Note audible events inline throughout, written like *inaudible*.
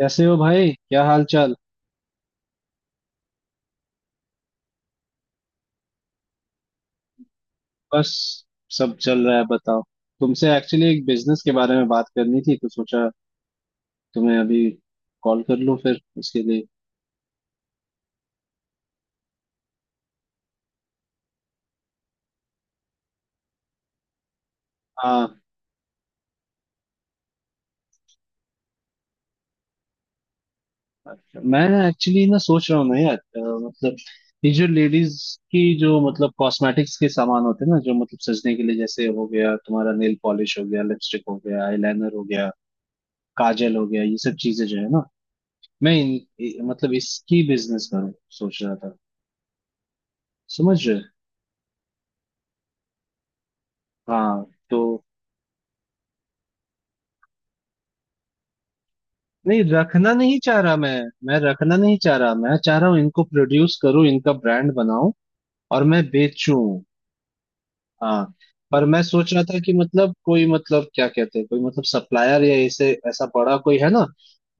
कैसे हो भाई? क्या हाल चाल? बस, सब चल रहा है। बताओ, तुमसे एक्चुअली एक बिजनेस के बारे में बात करनी थी तो सोचा तुम्हें अभी कॉल कर लूं फिर उसके लिए। हाँ, अच्छा। मैं एक्चुअली ना सोच रहा हूँ ना यार, मतलब ये जो लेडीज की जो कॉस्मेटिक्स के सामान होते हैं ना, जो सजने के लिए, जैसे हो गया तुम्हारा नेल पॉलिश हो गया, लिपस्टिक हो गया, आईलाइनर हो गया, काजल हो गया, ये सब चीजें जो है ना, मैं इन, इ- मतलब इसकी बिजनेस करूँ, सोच रहा था। समझ रहे हो? हाँ तो नहीं, रखना नहीं चाह रहा मैं। मैं रखना नहीं चाह रहा, मैं चाह रहा हूँ इनको प्रोड्यूस करूँ, इनका ब्रांड बनाऊं और मैं बेचूं। हाँ, पर मैं सोच रहा था कि कोई क्या कहते हैं, कोई सप्लायर या ऐसे ऐसा बड़ा कोई है ना,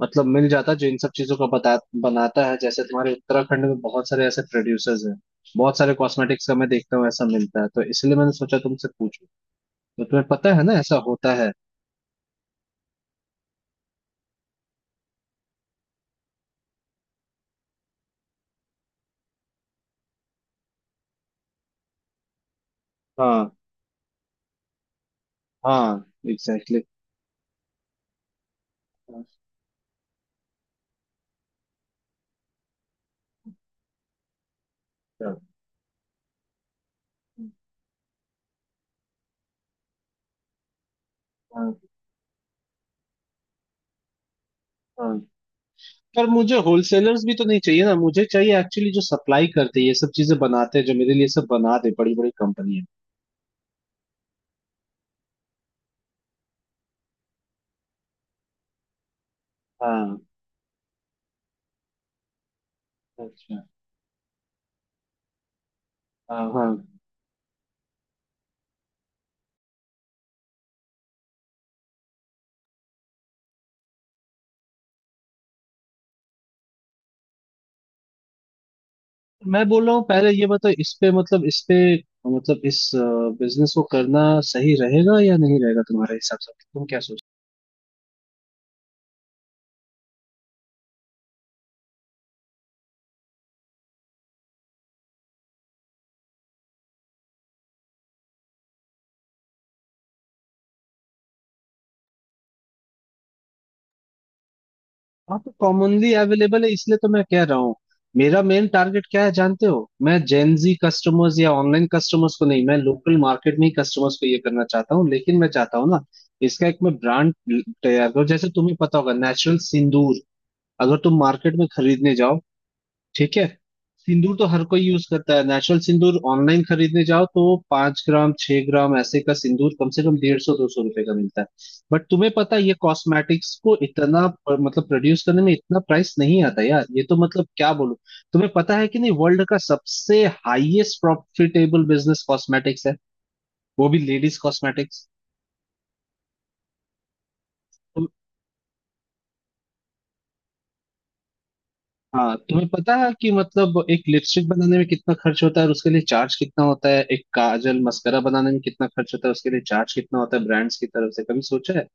मिल जाता जो इन सब चीजों का बता बनाता है। जैसे तुम्हारे उत्तराखंड में बहुत सारे ऐसे प्रोड्यूसर्स हैं, बहुत सारे कॉस्मेटिक्स का मैं देखता हूँ ऐसा मिलता है, तो इसलिए मैंने सोचा तुमसे पूछूं। तो तुम्हें पता है ना, ऐसा होता है? हाँ हाँ, एग्जैक्टली। हाँ हाँ हाँ, पर मुझे होलसेलर्स भी तो नहीं चाहिए ना। मुझे चाहिए एक्चुअली जो सप्लाई करते हैं, ये सब चीजें बनाते हैं, जो मेरे लिए सब बना दे, बड़ी बड़ी कंपनी है। हाँ। अच्छा। हाँ हाँ, मैं बोल रहा हूँ पहले ये बताओ, इस पे इस बिजनेस को करना सही रहेगा या नहीं रहेगा तुम्हारे हिसाब से? तुम क्या? हाँ, तो कॉमनली अवेलेबल है इसलिए तो मैं कह रहा हूँ। मेरा मेन टारगेट क्या है जानते हो? मैं जेनजी कस्टमर्स या ऑनलाइन कस्टमर्स को नहीं, मैं लोकल मार्केट में ही कस्टमर्स को ये करना चाहता हूँ। लेकिन मैं चाहता हूँ ना, इसका एक मैं ब्रांड तैयार करूँ। जैसे तुम्हें पता होगा, नेचुरल सिंदूर अगर तुम मार्केट में खरीदने जाओ, ठीक है, सिंदूर तो हर कोई यूज करता है, नेचुरल सिंदूर ऑनलाइन खरीदने जाओ तो पांच ग्राम छह ग्राम ऐसे का सिंदूर कम से कम डेढ़ सौ दो सौ रुपए का मिलता है। बट तुम्हें पता है ये कॉस्मेटिक्स को इतना प्रोड्यूस करने में इतना प्राइस नहीं आता यार। ये तो क्या बोलूं, तुम्हें पता है कि नहीं, वर्ल्ड का सबसे हाईएस्ट प्रॉफिटेबल बिजनेस कॉस्मेटिक्स है, वो भी लेडीज कॉस्मेटिक्स। हाँ, तुम्हें पता है कि एक लिपस्टिक बनाने में कितना खर्च होता है और उसके लिए चार्ज कितना होता है? एक काजल मस्करा बनाने में कितना खर्च होता है, उसके लिए चार्ज कितना होता है ब्रांड्स की तरफ से, कभी सोचा है?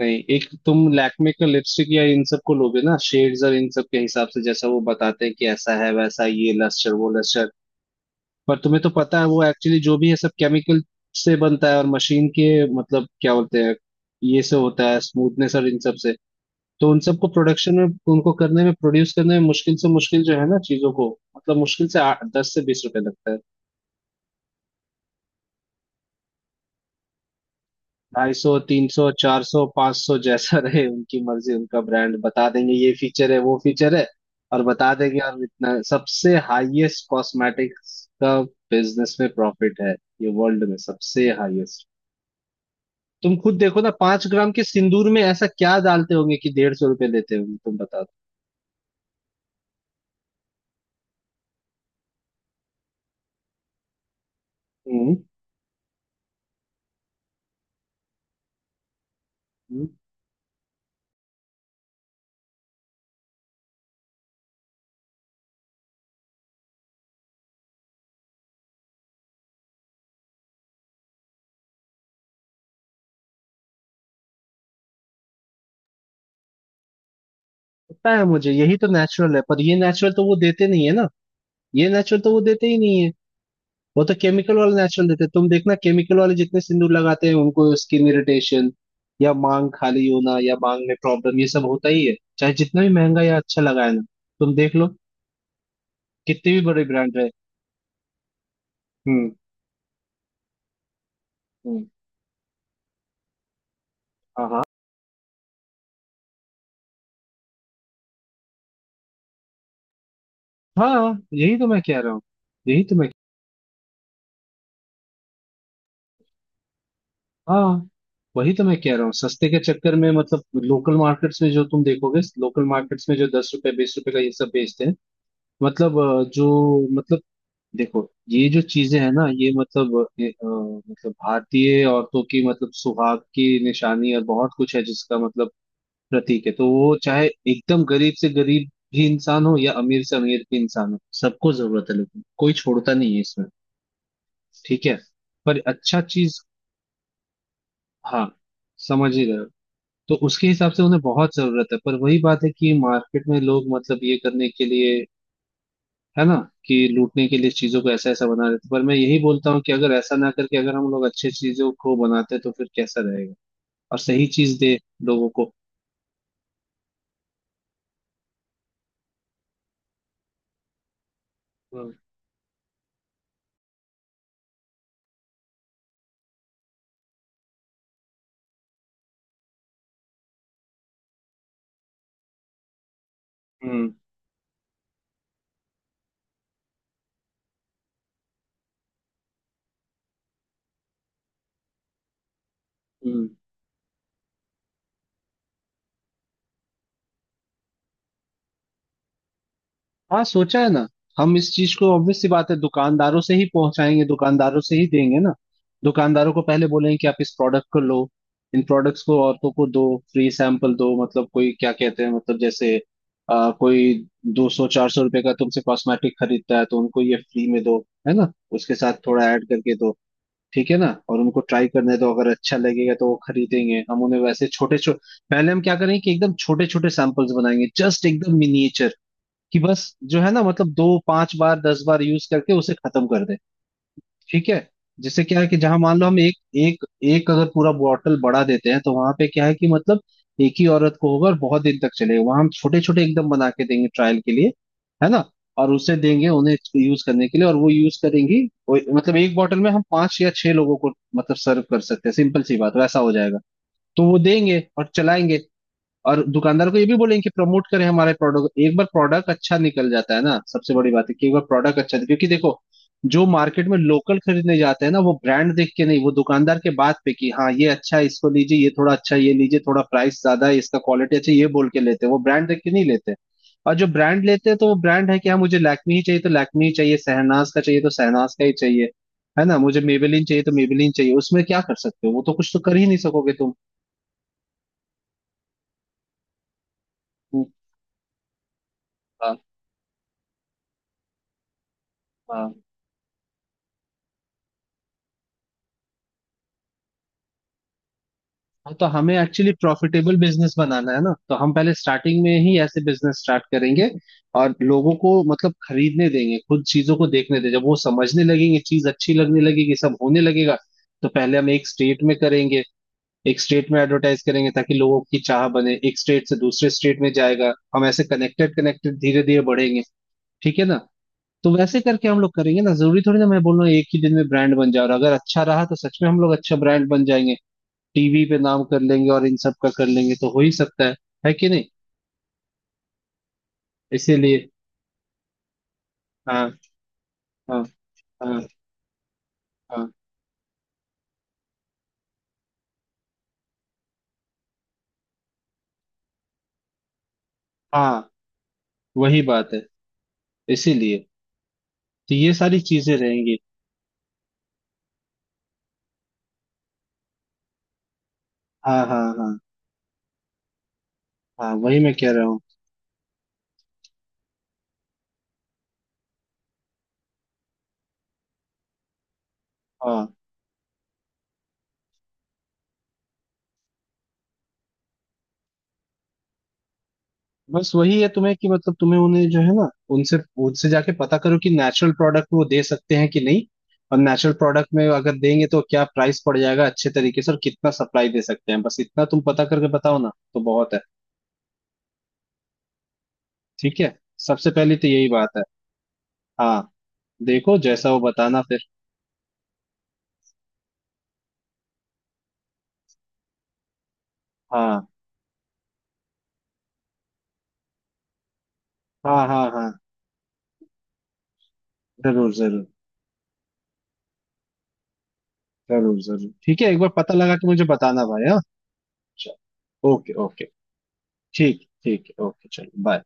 नहीं, एक तुम लैक्मे का लिपस्टिक या इन सब को लोगे ना, शेड्स और इन सब के हिसाब से, जैसा वो बताते हैं कि ऐसा है वैसा है, ये लस्टर वो लस्टर। पर तुम्हें तो पता है वो एक्चुअली जो भी है सब केमिकल से बनता है और मशीन के क्या बोलते हैं, ये से होता है स्मूथनेस और इन सब से। तो उन सबको प्रोडक्शन में, उनको करने में, प्रोड्यूस करने में मुश्किल से, मुश्किल जो है ना चीजों को, मुश्किल से आठ दस से बीस रुपए लगता है। ढाई सौ तीन सौ चार सौ पांच सौ जैसा *laughs* रहे, उनकी मर्जी, उनका ब्रांड, बता देंगे ये फीचर है वो फीचर है और बता देंगे। और इतना सबसे हाईएस्ट कॉस्मेटिक्स का बिजनेस में प्रॉफिट है, ये वर्ल्ड में सबसे हाईएस्ट। तुम खुद देखो ना, पांच ग्राम के सिंदूर में ऐसा क्या डालते होंगे कि डेढ़ सौ रुपए लेते होंगे, तुम बता दो। हम्म, पता है मुझे, यही तो नेचुरल है, पर ये नेचुरल तो वो देते नहीं है ना, ये नेचुरल तो वो देते ही नहीं है। वो तो केमिकल वाले नेचुरल देते हैं। तुम देखना केमिकल वाले जितने सिंदूर लगाते हैं उनको स्किन इरिटेशन या मांग खाली होना या मांग में प्रॉब्लम, ये सब होता ही है, चाहे जितना भी महंगा या अच्छा लगाए ना। तुम देख लो, कितने भी बड़े ब्रांड रहे। हम्म हम्म, हाँ हाँ, हाँ यही तो मैं कह रहा हूँ, यही तो मैं। हाँ, वही तो मैं कह रहा हूँ। सस्ते के चक्कर में, लोकल मार्केट्स में जो तुम देखोगे, लोकल मार्केट्स में जो दस रुपए बीस रुपए का ये सब बेचते हैं, मतलब अ, जो मतलब देखो, ये जो चीजें हैं ना, ये भारतीय औरतों की सुहाग की निशानी और बहुत कुछ है, जिसका प्रतीक है। तो वो चाहे एकदम गरीब से गरीब भी इंसान हो या अमीर से अमीर भी इंसान हो, सबको जरूरत है, लेकिन कोई छोड़ता नहीं है इसमें। ठीक है, पर अच्छा चीज। हाँ, समझ ही रहे हो। तो उसके हिसाब से उन्हें बहुत जरूरत है, पर वही बात है कि मार्केट में लोग, ये करने के लिए है ना, कि लूटने के लिए चीजों को ऐसा ऐसा बना देते। पर मैं यही बोलता हूँ कि अगर ऐसा ना करके अगर हम लोग अच्छे चीजों को बनाते तो फिर कैसा रहेगा, और सही चीज दे लोगों को। हम्म हम्म हम्म हाँ, सोचा है ना। हम इस चीज को, ऑब्वियस सी बात है, दुकानदारों से ही पहुंचाएंगे, दुकानदारों से ही देंगे ना। दुकानदारों को पहले बोलेंगे कि आप इस प्रोडक्ट को लो, इन प्रोडक्ट्स को औरतों को दो, फ्री सैंपल दो। कोई क्या कहते हैं, जैसे कोई दो सौ चार सौ रुपए का तुमसे कॉस्मेटिक खरीदता है तो उनको ये फ्री में दो, है ना, उसके साथ थोड़ा ऐड करके दो। ठीक है ना, और उनको ट्राई करने दो, अगर अच्छा लगेगा तो वो खरीदेंगे। हम उन्हें वैसे छोटे छोटे, पहले हम क्या करेंगे कि एकदम छोटे छोटे सैंपल्स बनाएंगे, जस्ट एकदम मिनिएचर, कि बस जो है ना, दो पांच बार दस बार यूज करके उसे खत्म कर दे। ठीक है, जिससे क्या है कि जहां मान लो हम एक एक एक अगर पूरा बॉटल बढ़ा देते हैं तो वहां पे क्या है कि एक ही औरत को होगा और बहुत दिन तक चलेगा। वहां हम छोटे छोटे एकदम बना के देंगे ट्रायल के लिए, है ना, और उसे देंगे उन्हें यूज करने के लिए और वो यूज करेंगी। वो- मतलब एक बॉटल में हम पांच या छह लोगों को सर्व कर सकते हैं, सिंपल सी बात, वैसा हो जाएगा। तो वो देंगे और चलाएंगे। और दुकानदार को ये भी बोलेंगे कि प्रमोट करें हमारे प्रोडक्ट को। एक बार प्रोडक्ट अच्छा निकल जाता है ना, सबसे बड़ी बात है कि एक बार प्रोडक्ट अच्छा, क्योंकि देखो, जो मार्केट में लोकल खरीदने जाते हैं ना, वो ब्रांड देख के नहीं, वो दुकानदार के बात पे कि हाँ ये अच्छा है इसको लीजिए, ये थोड़ा अच्छा है, ये लीजिए, थोड़ा प्राइस ज्यादा है इसका, क्वालिटी अच्छा है, ये बोल के लेते हैं, वो ब्रांड देख के नहीं लेते। और जो ब्रांड लेते हैं तो वो ब्रांड है कि हाँ मुझे लैक्मी ही चाहिए तो लैक्मी ही चाहिए, शहनाज का चाहिए तो शहनाज का ही चाहिए, है ना, मुझे मेबेलिन चाहिए तो मेबेलिन चाहिए, उसमें क्या कर सकते हो, वो तो कुछ तो कर ही नहीं सकोगे तुम। हम्म, हाँ। हाँ हाँ, तो हमें एक्चुअली प्रॉफिटेबल बिजनेस बनाना है ना, तो हम पहले स्टार्टिंग में ही ऐसे बिजनेस स्टार्ट करेंगे और लोगों को, खरीदने देंगे, खुद चीजों को देखने देंगे। जब वो समझने लगेंगे, चीज अच्छी लगने लगेगी, सब होने लगेगा। तो पहले हम एक स्टेट में करेंगे, एक स्टेट में एडवर्टाइज करेंगे ताकि लोगों की चाह बने, एक स्टेट से दूसरे स्टेट में जाएगा, हम ऐसे कनेक्टेड कनेक्टेड धीरे धीरे बढ़ेंगे। ठीक है ना, तो वैसे करके हम लोग करेंगे ना। जरूरी थोड़ी ना, मैं बोल रहा हूँ एक ही दिन में ब्रांड बन जाए, और अगर अच्छा रहा तो सच में हम लोग अच्छा ब्रांड बन जाएंगे, टीवी पे नाम कर लेंगे और इन सब का कर लेंगे, तो हो ही सकता है कि नहीं? इसीलिए। हाँ हाँ हाँ हाँ। हाँ, वही बात है, इसीलिए, तो ये सारी चीजें रहेंगी। हाँ हाँ हाँ। हाँ, वही मैं कह रहा हूँ। हाँ, बस वही है तुम्हें कि तुम्हें उन्हें जो है ना, उनसे उनसे जाके पता करो कि नेचुरल प्रोडक्ट वो दे सकते हैं कि नहीं, और नेचुरल प्रोडक्ट में अगर देंगे तो क्या प्राइस पड़ जाएगा अच्छे तरीके से, और कितना सप्लाई दे सकते हैं, बस इतना तुम पता करके बताओ ना, तो बहुत है। ठीक है, सबसे पहले तो यही बात है। हाँ, देखो जैसा वो बताना फिर। हाँ हाँ हाँ हाँ, जरूर जरूर, जरूर जरूर ठीक है, एक बार पता लगा कि मुझे बताना भाई। हाँ, ओके ओके। ठीक ठीक, ओके चलो बाय।